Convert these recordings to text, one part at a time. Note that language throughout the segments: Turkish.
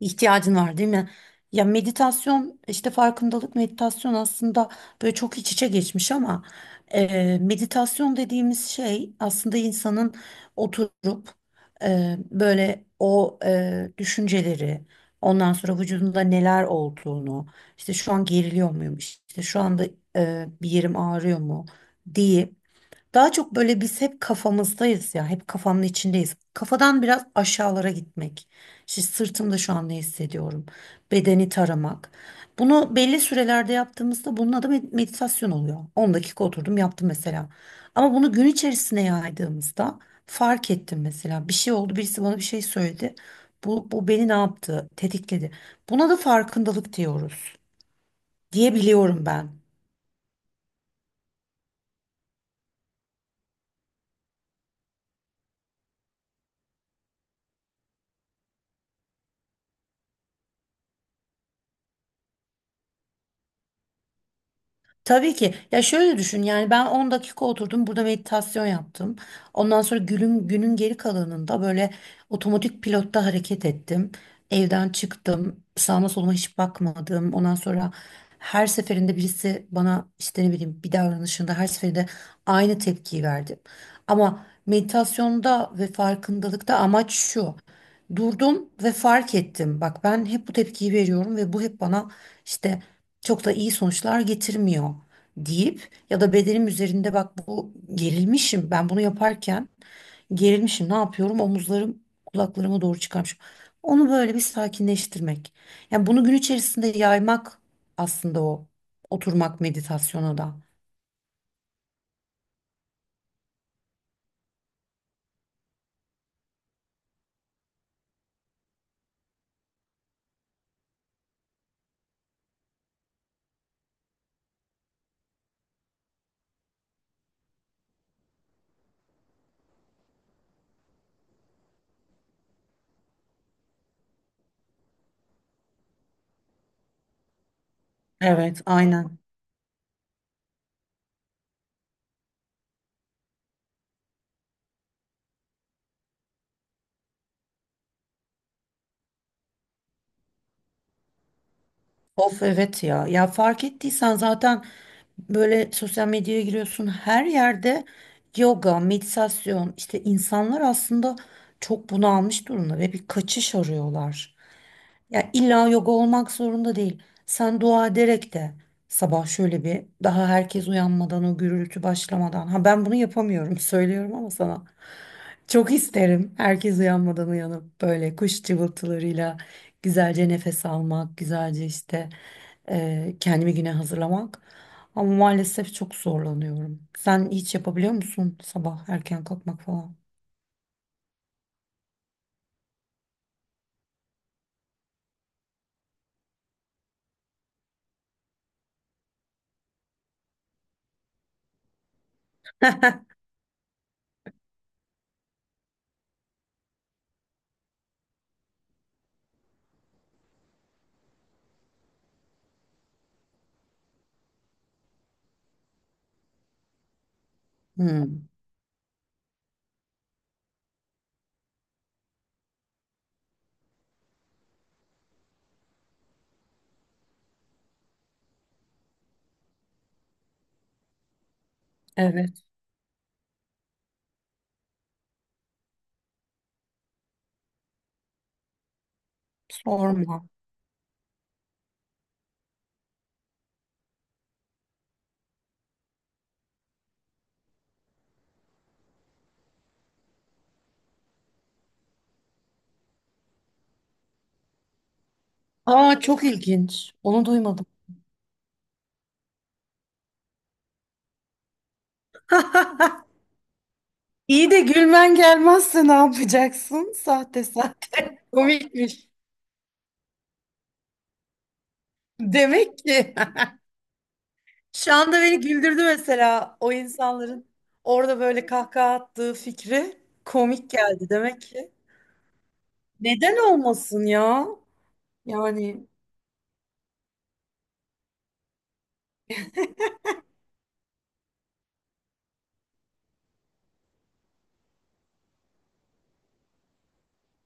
İhtiyacın var değil mi? Ya meditasyon işte farkındalık meditasyon aslında böyle çok iç içe geçmiş ama meditasyon dediğimiz şey aslında insanın oturup böyle o düşünceleri ondan sonra vücudunda neler olduğunu işte şu an geriliyor muyum işte şu anda bir yerim ağrıyor mu diye daha çok böyle biz hep kafamızdayız ya, hep kafamın içindeyiz. Kafadan biraz aşağılara gitmek. İşte sırtımda şu an ne hissediyorum? Bedeni taramak. Bunu belli sürelerde yaptığımızda bunun adı meditasyon oluyor. 10 dakika oturdum yaptım mesela. Ama bunu gün içerisine yaydığımızda fark ettim mesela. Bir şey oldu, birisi bana bir şey söyledi. Bu beni ne yaptı? Tetikledi. Buna da farkındalık diyoruz diyebiliyorum ben. Tabii ki. Ya şöyle düşün yani ben 10 dakika oturdum burada meditasyon yaptım. Ondan sonra günün geri kalanında böyle otomatik pilotta hareket ettim. Evden çıktım. Sağıma soluma hiç bakmadım. Ondan sonra her seferinde birisi bana işte ne bileyim bir davranışında her seferinde aynı tepkiyi verdim. Ama meditasyonda ve farkındalıkta amaç şu. Durdum ve fark ettim. Bak ben hep bu tepkiyi veriyorum ve bu hep bana işte çok da iyi sonuçlar getirmiyor deyip ya da bedenim üzerinde bak bu gerilmişim ben bunu yaparken gerilmişim ne yapıyorum omuzlarım kulaklarıma doğru çıkarmışım. Onu böyle bir sakinleştirmek. Yani bunu gün içerisinde yaymak aslında o oturmak meditasyona da. Evet. Aynen. Of evet ya. Ya fark ettiysen zaten böyle sosyal medyaya giriyorsun her yerde yoga, meditasyon işte insanlar aslında çok bunalmış durumda ve bir kaçış arıyorlar. Ya illa yoga olmak zorunda değil. Sen dua ederek de sabah şöyle bir daha herkes uyanmadan o gürültü başlamadan. Ha ben bunu yapamıyorum söylüyorum ama sana. Çok isterim herkes uyanmadan uyanıp böyle kuş cıvıltılarıyla güzelce nefes almak, güzelce işte kendimi güne hazırlamak. Ama maalesef çok zorlanıyorum. Sen hiç yapabiliyor musun sabah erken kalkmak falan? Hmm, evet, sorma. Aa çok ilginç. Onu duymadım. İyi de gülmen gelmezse ne yapacaksın? Sahte sahte. Komikmiş. Demek ki şu anda beni güldürdü mesela o insanların orada böyle kahkaha attığı fikri komik geldi demek ki. Neden olmasın ya? Yani.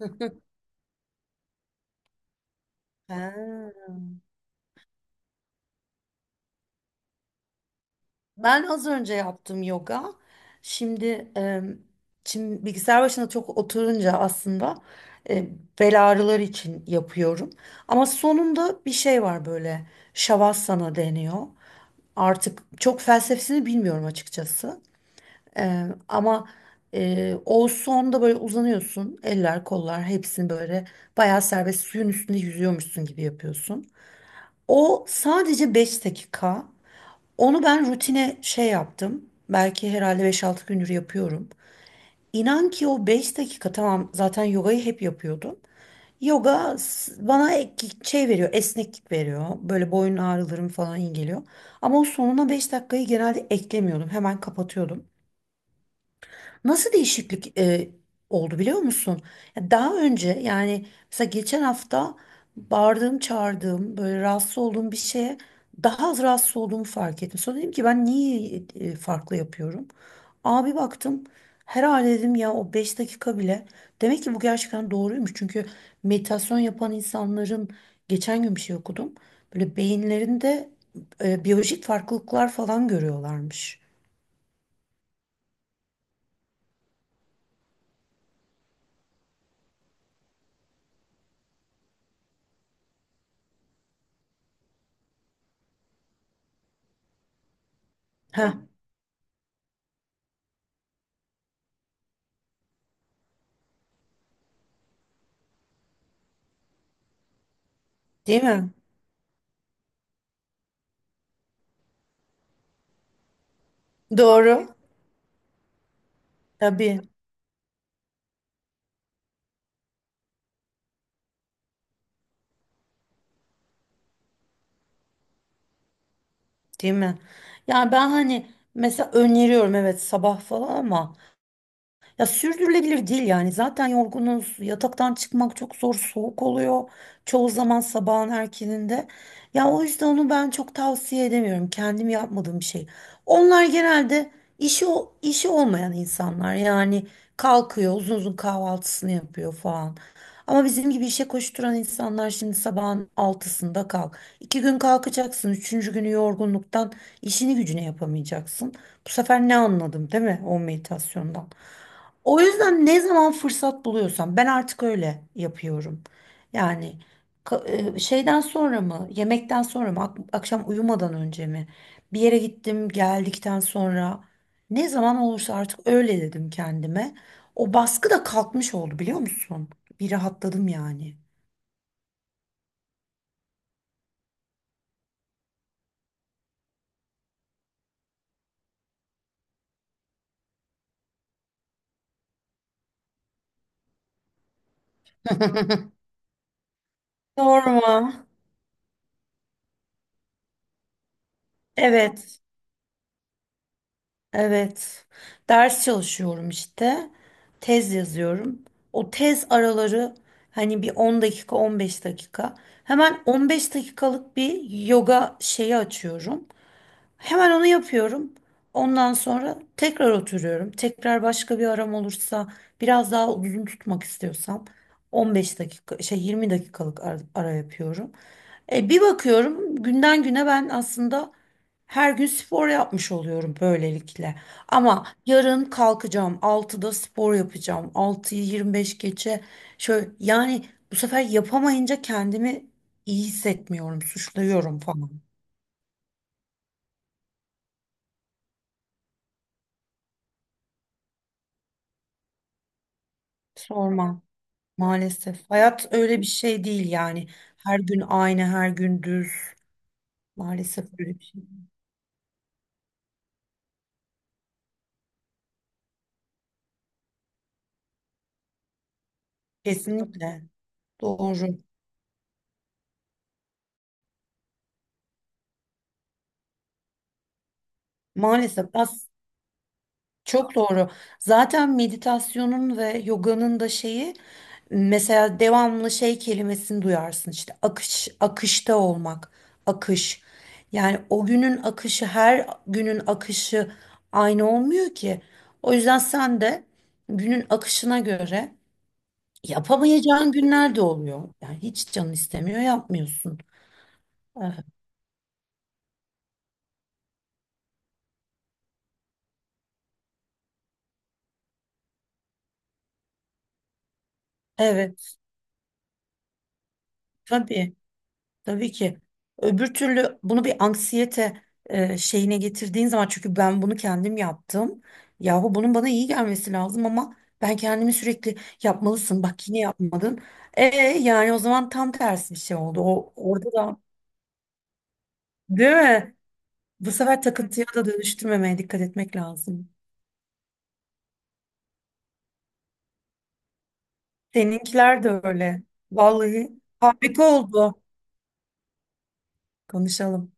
He. Ben az önce yaptım yoga. Şimdi, e, şimdi, bilgisayar başına çok oturunca aslında e, bel ağrıları için yapıyorum. Ama sonunda bir şey var böyle şavasana deniyor. Artık çok felsefesini bilmiyorum açıkçası. Ama o sonda böyle uzanıyorsun. Eller, kollar hepsini böyle bayağı serbest suyun üstünde yüzüyormuşsun gibi yapıyorsun. O sadece 5 dakika. Onu ben rutine şey yaptım. Belki herhalde 5-6 gündür yapıyorum. İnan ki o 5 dakika tamam zaten yogayı hep yapıyordum. Yoga bana şey veriyor, esneklik veriyor. Böyle boyun ağrılarım falan iyi geliyor. Ama o sonuna 5 dakikayı genelde eklemiyordum. Hemen kapatıyordum. Nasıl değişiklik oldu biliyor musun? Ya daha önce yani mesela geçen hafta bağırdığım, çağırdığım, böyle rahatsız olduğum bir şeye daha az rahatsız olduğumu fark ettim. Sonra dedim ki ben niye farklı yapıyorum? Abi baktım herhalde dedim ya o 5 dakika bile. Demek ki bu gerçekten doğruymuş. Çünkü meditasyon yapan insanların geçen gün bir şey okudum. Böyle beyinlerinde biyolojik farklılıklar falan görüyorlarmış. Ha, tamam. Değil mi? Doğru. Tabii, değil mi? Yani ben hani mesela öneriyorum evet sabah falan ama ya sürdürülebilir değil yani. Zaten yorgunuz. Yataktan çıkmak çok zor. Soğuk oluyor. Çoğu zaman sabahın erkeninde. Ya o yüzden onu ben çok tavsiye edemiyorum. Kendim yapmadığım bir şey. Onlar genelde işi olmayan insanlar. Yani kalkıyor, uzun uzun kahvaltısını yapıyor falan. Ama bizim gibi işe koşturan insanlar şimdi sabahın altısında kalk. İki gün kalkacaksın. Üçüncü günü yorgunluktan işini gücüne yapamayacaksın. Bu sefer ne anladım değil mi o meditasyondan? O yüzden ne zaman fırsat buluyorsam ben artık öyle yapıyorum. Yani şeyden sonra mı, yemekten sonra mı, akşam uyumadan önce mi, bir yere gittim geldikten sonra ne zaman olursa artık öyle dedim kendime. O baskı da kalkmış oldu biliyor musun? Bir rahatladım yani. Sorma. Evet. Evet. Ders çalışıyorum işte. Tez yazıyorum. O tez araları hani bir 10 dakika, 15 dakika. Hemen 15 dakikalık bir yoga şeyi açıyorum. Hemen onu yapıyorum. Ondan sonra tekrar oturuyorum. Tekrar başka bir aram olursa, biraz daha uzun tutmak istiyorsam 15 dakika, şey 20 dakikalık ara yapıyorum. Bir bakıyorum günden güne ben aslında her gün spor yapmış oluyorum böylelikle. Ama yarın kalkacağım altıda spor yapacağım. Altıyı 25 geçe şöyle yani bu sefer yapamayınca kendimi iyi hissetmiyorum, suçluyorum falan. Sorma maalesef. Hayat öyle bir şey değil yani. Her gün aynı, her gün düz. Maalesef öyle bir şey. Kesinlikle doğru. Maalesef as Çok doğru. Zaten meditasyonun ve yoganın da şeyi mesela devamlı şey kelimesini duyarsın işte akış, akışta olmak, akış. Yani o günün akışı her günün akışı aynı olmuyor ki. O yüzden sen de günün akışına göre yapamayacağın günler de oluyor. Yani hiç canın istemiyor yapmıyorsun. Evet, evet, tabii. Tabii ki. Öbür türlü bunu bir anksiyete şeyine getirdiğin zaman çünkü ben bunu kendim yaptım. Yahu bunun bana iyi gelmesi lazım ama ben kendimi sürekli yapmalısın. Bak yine yapmadın. Yani o zaman tam tersi bir şey oldu. O orada da değil mi? Bu sefer takıntıya da dönüştürmemeye dikkat etmek lazım. Seninkiler de öyle. Vallahi harika oldu. Konuşalım.